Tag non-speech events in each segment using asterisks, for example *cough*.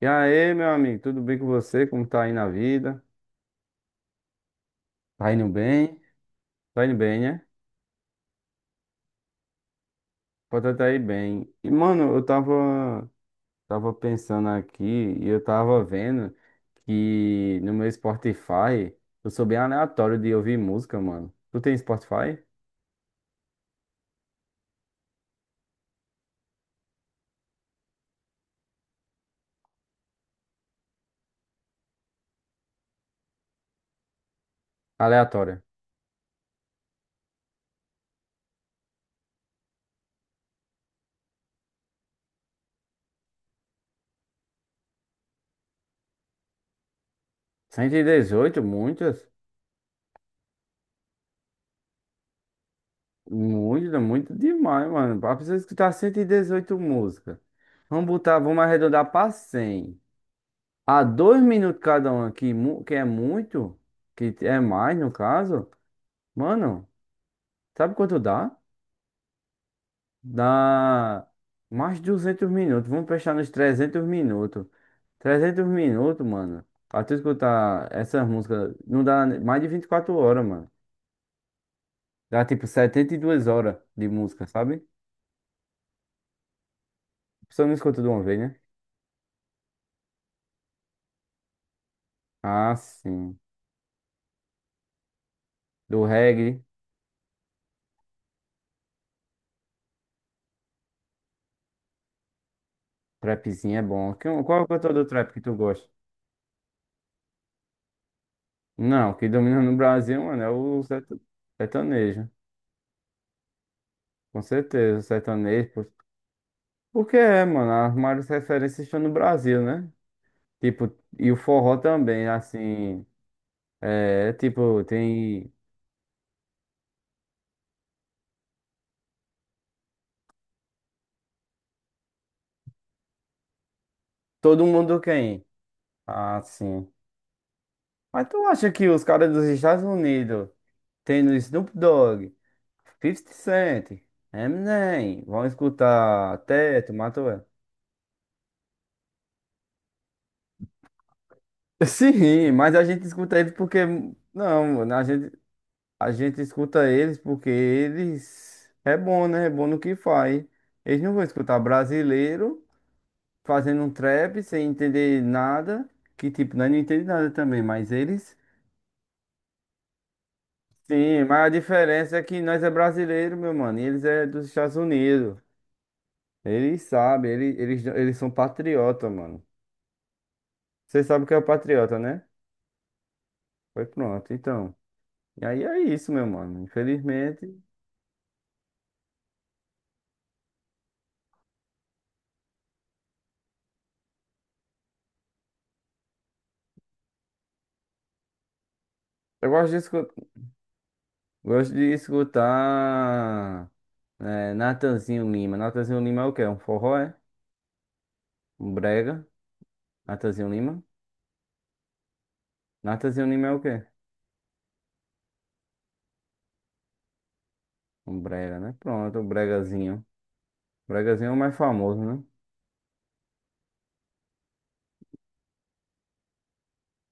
E aí, meu amigo, tudo bem com você? Como tá aí na vida? Tá indo bem? Tá indo bem, né? Pode tá aí bem. E, mano, eu tava pensando aqui e eu tava vendo que no meu Spotify eu sou bem aleatório de ouvir música, mano. Tu tem Spotify? Aleatória. 118, muitas? Muitas, muito demais, mano. Pra pessoa escutar 118 músicas. Vamos botar, vamos arredondar pra 100. A 2 minutos cada um aqui, que é muito, que é mais no caso, mano, sabe quanto dá? Dá mais de 200 minutos. Vamos fechar nos 300 minutos. 300 minutos, mano. Pra tu escutar essas músicas, não dá mais de 24 horas, mano. Dá tipo 72 horas de música, sabe? A pessoa não escuta de uma vez, né? Ah, sim. Do reggae, trapzinho é bom. Qual é o cantor do trap que tu gosta? Não, o que domina no Brasil, mano, é o sertanejo. Com certeza, o sertanejo. Pô. Porque é, mano, as maiores referências estão no Brasil, né? Tipo, e o forró também, assim. É, tipo, tem. Todo mundo quem? Ah, sim. Mas tu acha que os caras dos Estados Unidos, tendo Snoop Dogg, Fifty Cent, Eminem, vão escutar Teto, Matoel? *laughs* Sim, mas a gente escuta ele porque. Não, mano, a gente. A gente escuta eles porque eles é bom, né? É bom no que faz. Eles não vão escutar brasileiro fazendo um trap sem entender nada, que tipo, nós não entendemos nada também, mas eles sim, mas a diferença é que nós é brasileiro, meu mano, e eles é dos Estados Unidos. Eles sabem, eles são patriota, mano. Você sabe o que é patriota, né? Foi pronto, então. E aí é isso, meu mano. Infelizmente, eu gosto de escutar Natanzinho Lima. Natanzinho Lima é o quê? Um forró, é? Um brega. Natanzinho Lima? Natanzinho Lima é o quê? Um brega, né? Pronto, o bregazinho. O bregazinho é o mais famoso, né?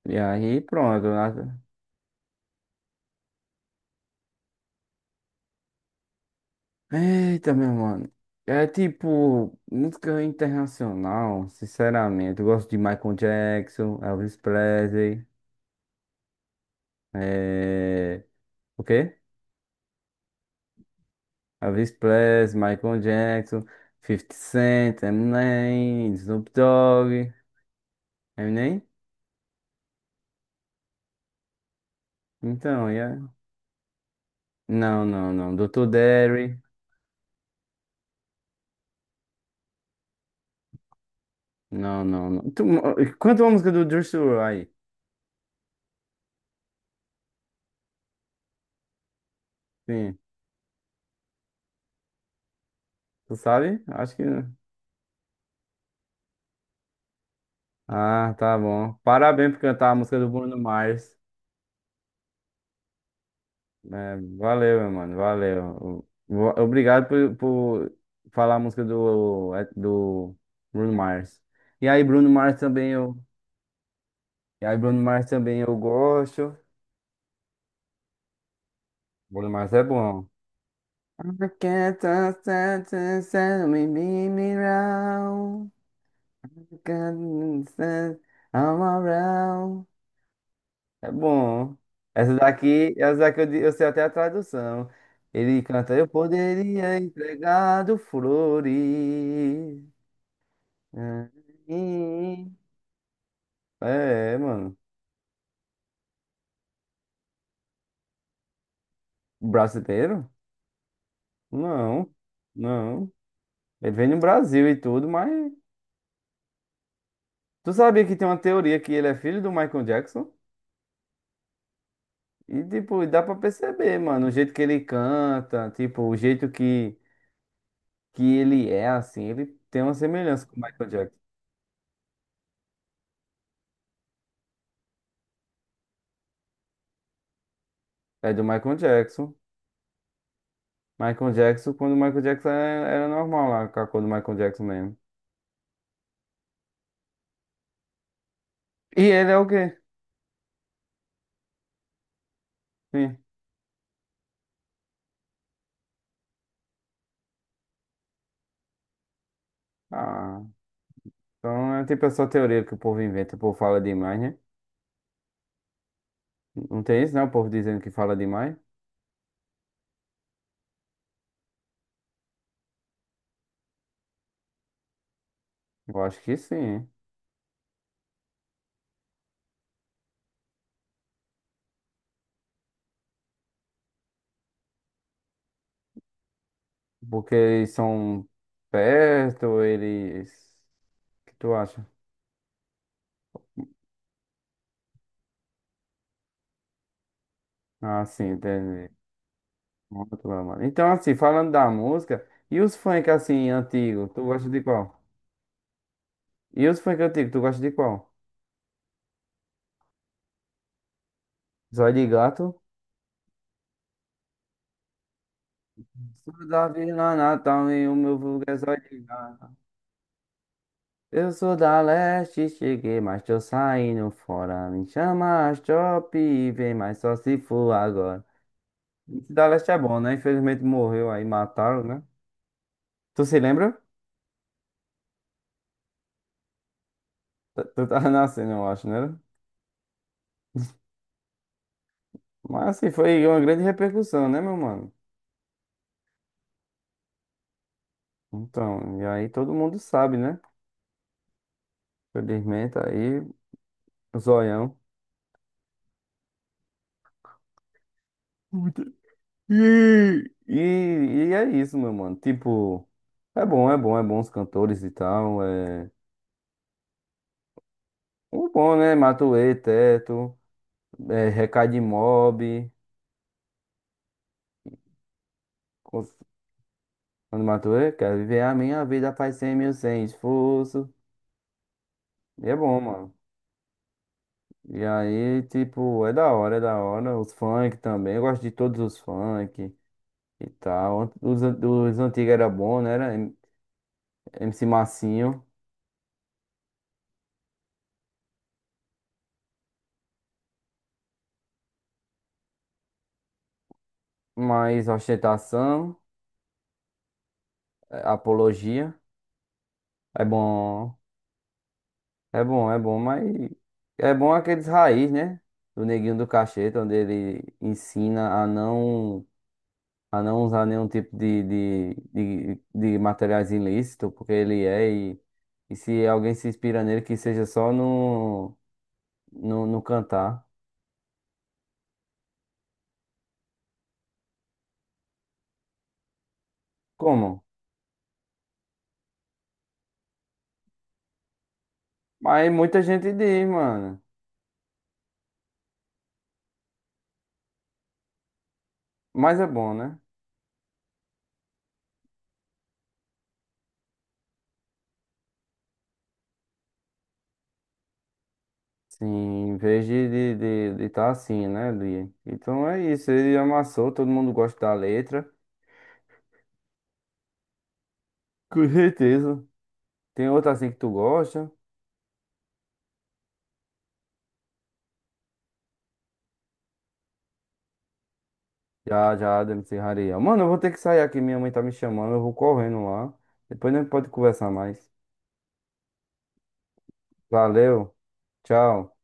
E aí, pronto. Eita, meu mano. É tipo, música internacional, sinceramente. Eu gosto de Michael Jackson, Elvis Presley. É... O quê? Elvis Presley, Michael Jackson, Fifty Cent, Eminem, Snoop Dogg. Eminem? Então, yeah. Não, não, não. Doutor Derry. Não, não, não. Tu, quanto a música do Juice WRLD aí? Sim. Tu sabe? Acho que. Ah, tá bom. Parabéns por cantar a música do Bruno Mars. É, valeu, meu mano. Valeu. Obrigado por falar a música do, é, do Bruno Mars. E aí, Bruno Mars também eu. E aí, Bruno Mars também eu gosto. Bruno Mars é bom. I can't stand to send me, me me round. I'm around. É bom. Essa daqui eu sei até a tradução. Ele canta, eu poderia entregar do flores. É, mano. Brasileiro? Não, não. Ele vem no Brasil e tudo, mas. Tu sabia que tem uma teoria que ele é filho do Michael Jackson? E, tipo, dá pra perceber, mano, o jeito que ele canta, tipo, o jeito que ele é assim, ele tem uma semelhança com o Michael Jackson. É do Michael Jackson. Michael Jackson, quando o Michael Jackson era normal lá, com a cor do Michael Jackson mesmo. E ele é o quê? Sim. Ah, então é tipo essa teoria que o povo inventa, o povo fala demais, né? Não tem isso, né? O povo dizendo que fala demais. Eu acho que sim, hein? Porque eles são perto, eles. O que tu acha? Ah, sim, entendi. Muito bom, mano. Então, assim, falando da música, e os funk assim, antigos, tu gosta de qual? E os funk antigos, tu gosta de qual? Zóio de gato? Sou da Vila Natal e o meu vulgo é zóio de gato. Eu sou da leste, cheguei, mas tô saindo fora. Me chama as top e vem, mas só se for agora. Esse da leste é bom, né? Infelizmente morreu aí, mataram, né? Tu se lembra? Tu tava *laughs* nascendo, eu acho, né? Mas assim, foi uma grande repercussão, né, meu mano? Então, e aí todo mundo sabe, né? Felizmente aí, o zoião. E, e, e é isso, meu mano. Tipo, é bom, é bom, é bom os cantores e tal. É um bom, né? Matuê, Teto, é, Recado de Mob. cons- Quando Matuê, quero viver a minha vida, faz 100 mil, sem esforço. E é bom, mano. E aí, tipo, é da hora, é da hora. Os funk também, eu gosto de todos os funk e tal. Os, os antigos era bom, né? Era MC Massinho, mas ostentação, é, apologia. É bom, é bom, é bom, mas é bom aqueles raiz, né? Do Neguinho do Cacheta, onde ele ensina a não usar nenhum tipo de materiais ilícitos, porque ele é, e se alguém se inspira nele, que seja só no cantar. Como? Mas muita gente diz, mano. Mas é bom, né? Sim, em vez de estar de tá assim, né? De... Então é isso, ele amassou, todo mundo gosta da letra, com certeza. Tem outra assim que tu gosta? Já, já, da MC Rariel. Mano, eu vou ter que sair aqui, minha mãe tá me chamando, eu vou correndo lá. Depois a gente pode conversar mais. Valeu, tchau.